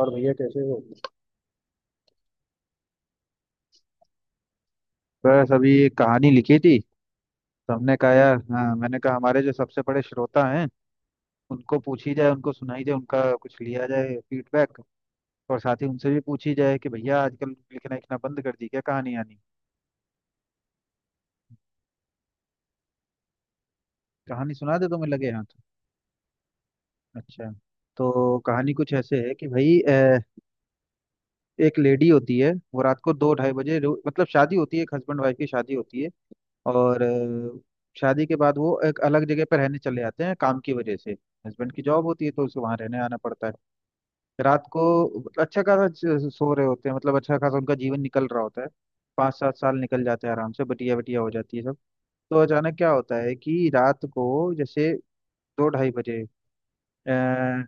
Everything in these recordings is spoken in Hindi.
और भैया कैसे हो? बस अभी एक कहानी लिखी थी। तो हमने कहा यार, हाँ, मैंने कहा हमारे जो सबसे बड़े श्रोता हैं उनको पूछी जाए, उनको सुनाई जाए, उनका कुछ लिया जाए फीडबैक। और साथ ही उनसे भी पूछी जाए कि भैया आजकल लिखना लिखना बंद कर दी क्या, कहानी आनी। कहानी सुना दे, तुम्हें लगे हाथ। अच्छा। तो कहानी कुछ ऐसे है कि भाई, एक लेडी होती है, वो रात को दो ढाई बजे मतलब शादी होती है, एक हस्बैंड वाइफ की शादी होती है। और शादी के बाद वो एक अलग जगह पर रहने चले जाते हैं काम की वजह से। हस्बैंड की जॉब होती है तो उसे वहां रहने आना पड़ता है। रात को मतलब अच्छा खासा सो रहे होते हैं, मतलब अच्छा खासा उनका जीवन निकल रहा होता है। पाँच सात साल निकल जाते हैं आराम से, बटिया बटिया हो जाती है सब। तो अचानक क्या होता है कि रात को, जैसे, दो ढाई बजे अ,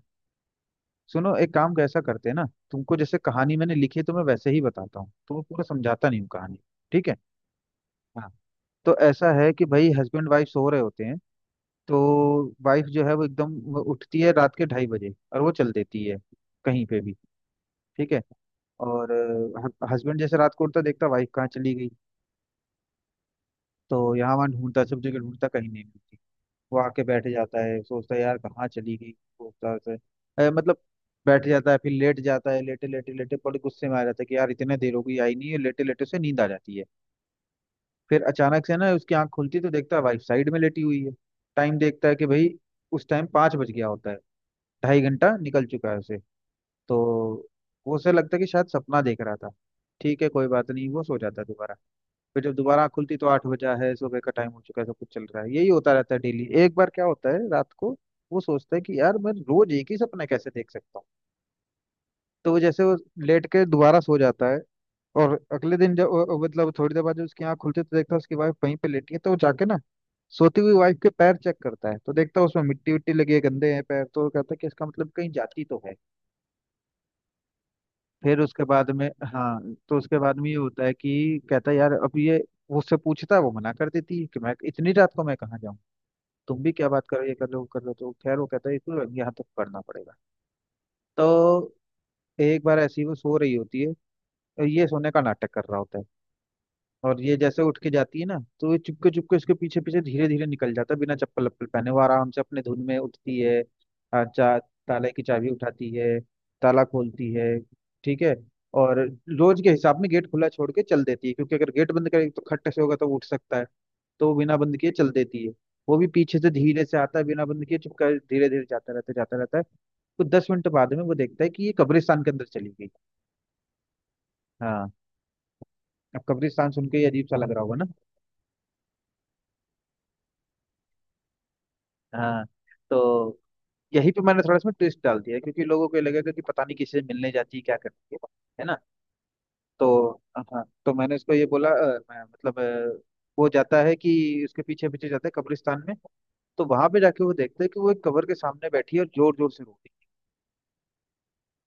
सुनो, एक काम कैसा करते हैं ना। तुमको, जैसे कहानी मैंने लिखी है तो मैं वैसे ही बताता हूँ, तो पूरा समझाता नहीं हूँ कहानी। ठीक है। हाँ। तो ऐसा है कि भाई हस्बैंड वाइफ सो रहे होते हैं। तो वाइफ जो है वो एकदम वो उठती है रात के ढाई बजे और वो चल देती है कहीं पे भी। ठीक है। और हस्बैंड जैसे रात को उठता, देखता वाइफ कहाँ चली गई। तो यहाँ वहाँ ढूंढता, सब जगह ढूंढता, कहीं नहीं मिलती। वो आके बैठ जाता है, सोचता है यार कहाँ चली गई, सोचता है मतलब, बैठ जाता है, फिर लेट जाता है। लेटे लेटे लेटे बड़े गुस्से में आ जाता है कि यार इतने देर हो गई, आई नहीं है। लेटे लेटे उसे नींद आ जाती है। फिर अचानक से ना उसकी आंख खुलती है तो देखता है वाइफ साइड में लेटी हुई है। टाइम देखता है कि भाई उस टाइम पाँच बज गया होता है। ढाई घंटा निकल चुका है उसे। तो वो, उसे लगता है कि शायद सपना देख रहा था। ठीक है, कोई बात नहीं, वो सो जाता है दोबारा। फिर जब दोबारा आँख खुलती तो 8 बजा है, सुबह का टाइम हो चुका है, सब कुछ चल रहा है। यही होता रहता है डेली, एक बार क्या होता है रात को। वो सोचता है कि यार मैं रोज एक ही सपना कैसे देख सकता हूँ। तो वो, जैसे वो लेट के दोबारा सो जाता है। और अगले दिन जब मतलब थोड़ी देर बाद जब उसकी आँख खुलती है तो देखता है उसकी वाइफ वहीं पे लेटी है। तो वो जाके ना सोती हुई वाइफ के पैर चेक करता है, तो देखता है उसमें मिट्टी विट्टी लगी है, गंदे हैं पैर। तो वो कहता है कि इसका मतलब कहीं जाती तो है। फिर उसके बाद में, हाँ, तो उसके बाद में ये होता है कि कहता है यार अब ये, वो उससे पूछता है। वो मना कर देती है कि मैं इतनी रात को मैं कहाँ जाऊँ, तुम भी क्या बात कर रहे हो, ये कर लो वो कर लो। तो खैर वो कहता है इसको यहाँ तक करना पड़ेगा। तो एक बार ऐसी वो सो रही होती है और ये सोने का नाटक कर रहा होता है। और ये जैसे उठ के जाती है ना, तो ये चुपके चुपके उसके पीछे पीछे धीरे धीरे निकल जाता है बिना चप्पल वप्पल पहने। वो आराम से अपने धुन में उठती है, आ, चा ताले की चाबी उठाती है, ताला खोलती है। ठीक है। और रोज के हिसाब में गेट खुला छोड़ के चल देती है, क्योंकि अगर गेट बंद करेगी तो खट से होगा तो वो उठ सकता है। तो वो बिना बंद किए चल देती है। वो भी पीछे से धीरे से आता है बिना बंद किए चुपका, धीरे धीरे जाता रहता है। तो 10 मिनट बाद में वो देखता है कि ये कब्रिस्तान के अंदर चली गई। हाँ। अब कब्रिस्तान सुन के ये अजीब सा लग रहा होगा ना। हाँ। तो यही पे मैंने थोड़ा इसमें ट्विस्ट डाल दिया है, क्योंकि लोगों को ये लगेगा कि पता नहीं किसी से मिलने जाती है, क्या करती है। है ना। तो हाँ, तो मैंने उसको ये बोला मतलब वो जाता है कि उसके पीछे पीछे जाता है कब्रिस्तान में। तो वहां पे जाके वो देखता है कि वो एक कब्र के सामने बैठी है और जोर जोर से रो रही है।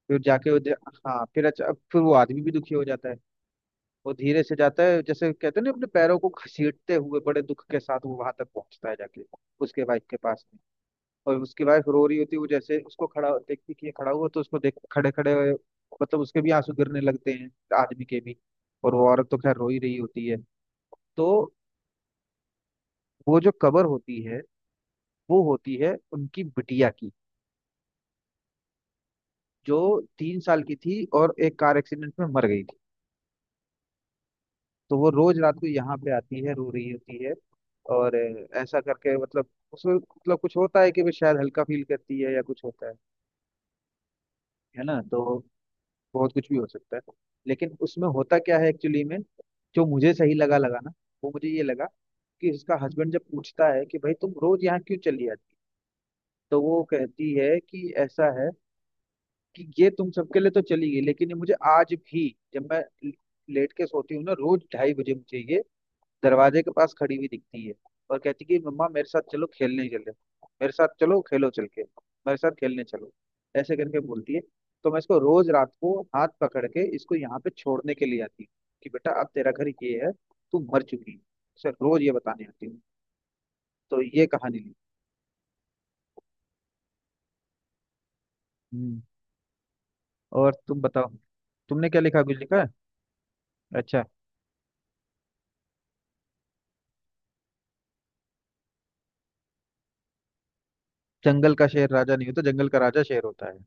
फिर जाके वो हाँ, फिर अच्छा, फिर वो आदमी भी दुखी हो जाता है। वो धीरे से जाता है, जैसे कहते हैं ना अपने पैरों को घसीटते हुए बड़े दुख के साथ, वो वहां तक पहुंचता है जाके उसके वाइफ के पास। और उसकी वाइफ रो रही होती है। वो जैसे उसको खड़ा देखती कि ये खड़ा हुआ, तो उसको देख खड़े खड़े मतलब उसके भी आंसू गिरने लगते हैं, आदमी के भी। और वो औरत तो खैर रो ही रही होती है। तो वो जो कबर होती है वो होती है उनकी बिटिया की, जो 3 साल की थी और एक कार एक्सीडेंट में मर गई थी। तो वो रोज रात को यहाँ पे आती है, रो रही होती है। और ऐसा करके मतलब उसमें मतलब कुछ होता है कि वो शायद हल्का फील करती है, या कुछ होता है। है ना। तो बहुत कुछ भी हो सकता है। लेकिन उसमें होता क्या है एक्चुअली में, जो मुझे सही लगा लगा ना, वो मुझे ये लगा कि उसका हस्बैंड जब पूछता है कि भाई तुम रोज यहाँ क्यों चली आती, तो वो कहती है कि ऐसा है कि ये तुम सबके लिए तो चली गई, लेकिन ये मुझे आज भी, जब मैं लेट के सोती हूँ ना रोज ढाई बजे, मुझे ये दरवाजे के पास खड़ी हुई दिखती है। और कहती कि मम्मा मेरे साथ चलो खेलने चले, मेरे साथ चलो खेलो, चल के मेरे साथ खेलने चलो, ऐसे करके बोलती है। तो मैं इसको रोज रात को हाथ पकड़ के इसको यहाँ पे छोड़ने के लिए आती हूँ कि बेटा अब तेरा घर ये है, तू मर चुकी है, सर रोज ये बताने आती हूँ। तो ये कहानी ली। हम्म, और तुम बताओ, तुमने क्या लिखा, कुछ लिखा है। अच्छा। जंगल का शेर राजा नहीं होता, जंगल का राजा शेर होता है।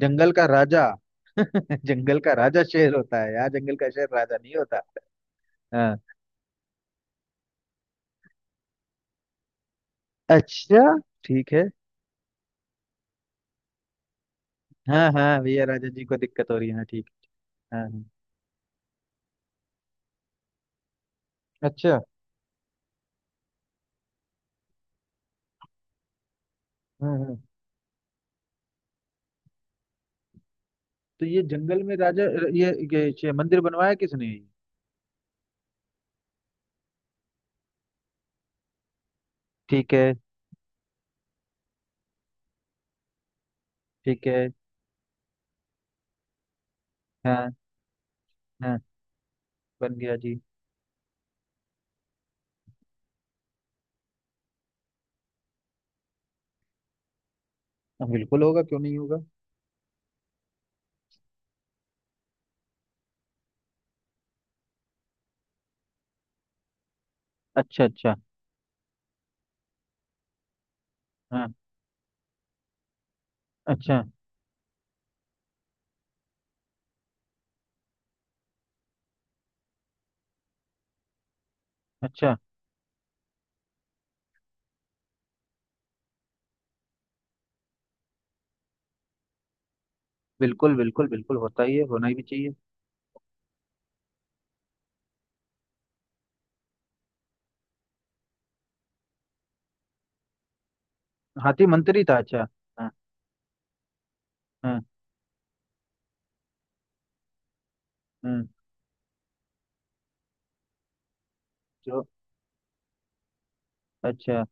जंगल का राजा। जंगल का राजा शेर होता है यार, जंगल का शेर राजा नहीं होता। अच्छा, ठीक है। हाँ हाँ, भैया राजा जी को दिक्कत हो रही है, हाँ ठीक। हाँ हाँ। अच्छा। हम्म। तो ये जंगल में राजा ये मंदिर बनवाया किसने। ठीक है। ठीक है। हाँ हाँ। बन गया जी। हाँ, बिल्कुल होगा, क्यों नहीं होगा। अच्छा अच्छा। हाँ। अच्छा अच्छा। बिल्कुल बिल्कुल बिल्कुल होता ही है, होना ही भी चाहिए। हाथी मंत्री था, अच्छा। हाँ। हाँ हाँ। जो, अच्छा।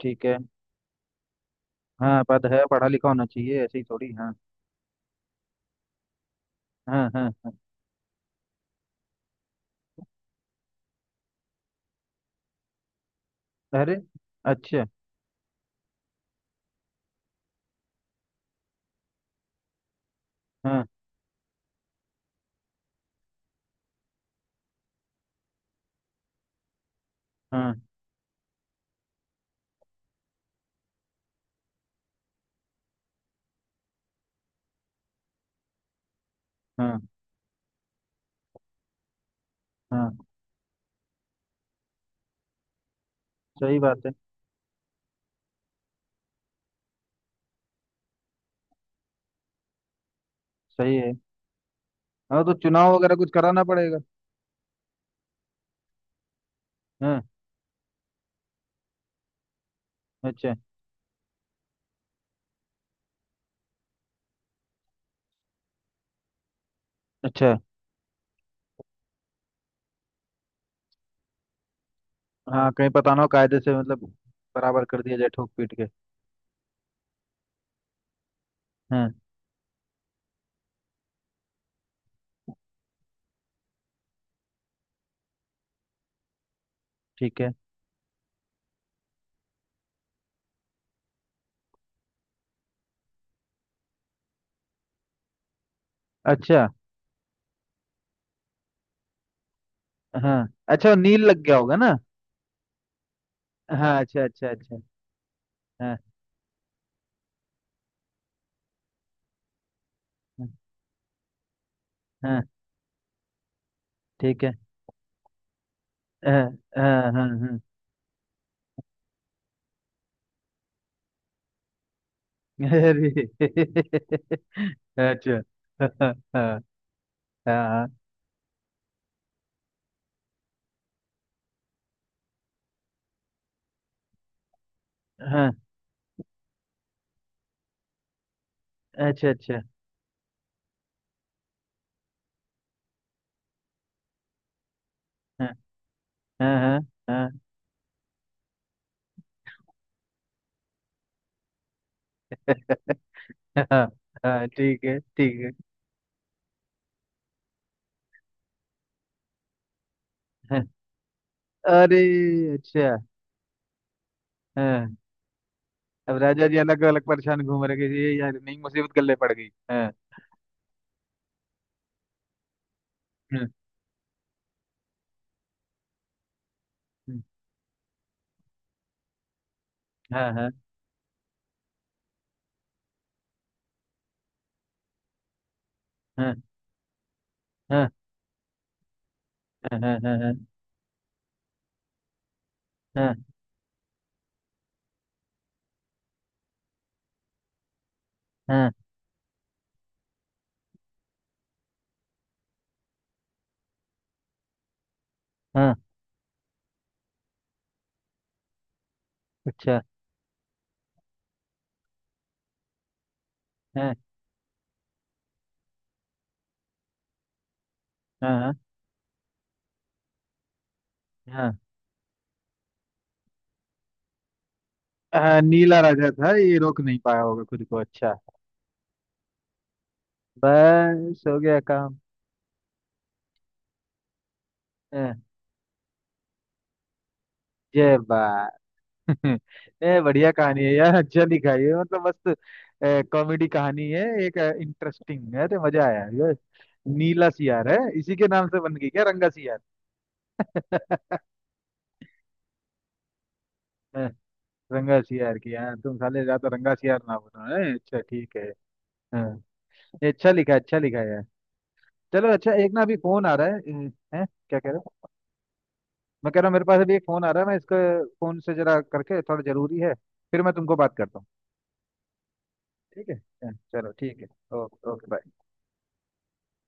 ठीक है। हाँ, पद है, पढ़ा लिखा होना चाहिए ऐसे ही थोड़ी, हाँ। हाँ हाँ हाँ। अरे, अच्छा। हाँ। हाँ हाँ हाँ। सही बात है। सही है। हाँ, तो चुनाव वगैरह कुछ कराना पड़ेगा। हाँ। अच्छा अच्छा। हाँ, कहीं पता ना हो कायदे से, मतलब बराबर कर दिया जाए ठोक पीट के। हाँ। ठीक है। अच्छा। हाँ, अच्छा, वो नील लग गया होगा ना। हाँ, अच्छा अच्छा अच्छा। हाँ हाँ हाँ, ठीक है। हाँ हाँ हाँ हाँ। अरे अच्छा। हाँ हाँ हाँ हाँ, अच्छा अच्छा। हाँ हाँ हाँ हाँ। हाँ हाँ, ठीक है ठीक है। अरे, अच्छा। हाँ। अब राजा जी अलग अलग परेशान घूम रहे हैं कि ये यार नई मुसीबत गले पड़ गई, हाँ। हम्म। हम्म। हाँ हाँ हाँ हाँ हाँ। हाँ हाँ हाँ हाँ हाँ। हाँ, अच्छा। हाँ हाँ हाँ हाँ, नीला राजा था, ये रोक नहीं पाया होगा खुद को, अच्छा। बस हो गया काम। हाँ। जय बा। ये बढ़िया कहानी है यार, अच्छा लिखा है ये, मतलब मस्त कॉमेडी कहानी है, एक इंटरेस्टिंग है, तो मजा आया। ये नीला सियार है, इसी के नाम से बन गई क्या, रंगा सियार। हाँ, रंगा सियार की, यार तुम साले ज्यादा रंगा सियार ना बनो, है, अच्छा ठीक है। हाँ। ये अच्छा लिखा है, अच्छा लिखा है यार। चलो अच्छा, एक ना अभी फोन आ रहा है। अ, हैं, क्या कह रहे हो। मैं कह रहा हूँ मेरे पास अभी एक फोन आ रहा है, मैं इसको फोन से जरा करके, थोड़ा जरूरी है। फिर मैं तुमको बात करता हूँ। ठीक है, हाँ, चलो ठीक है। Okay okay bye.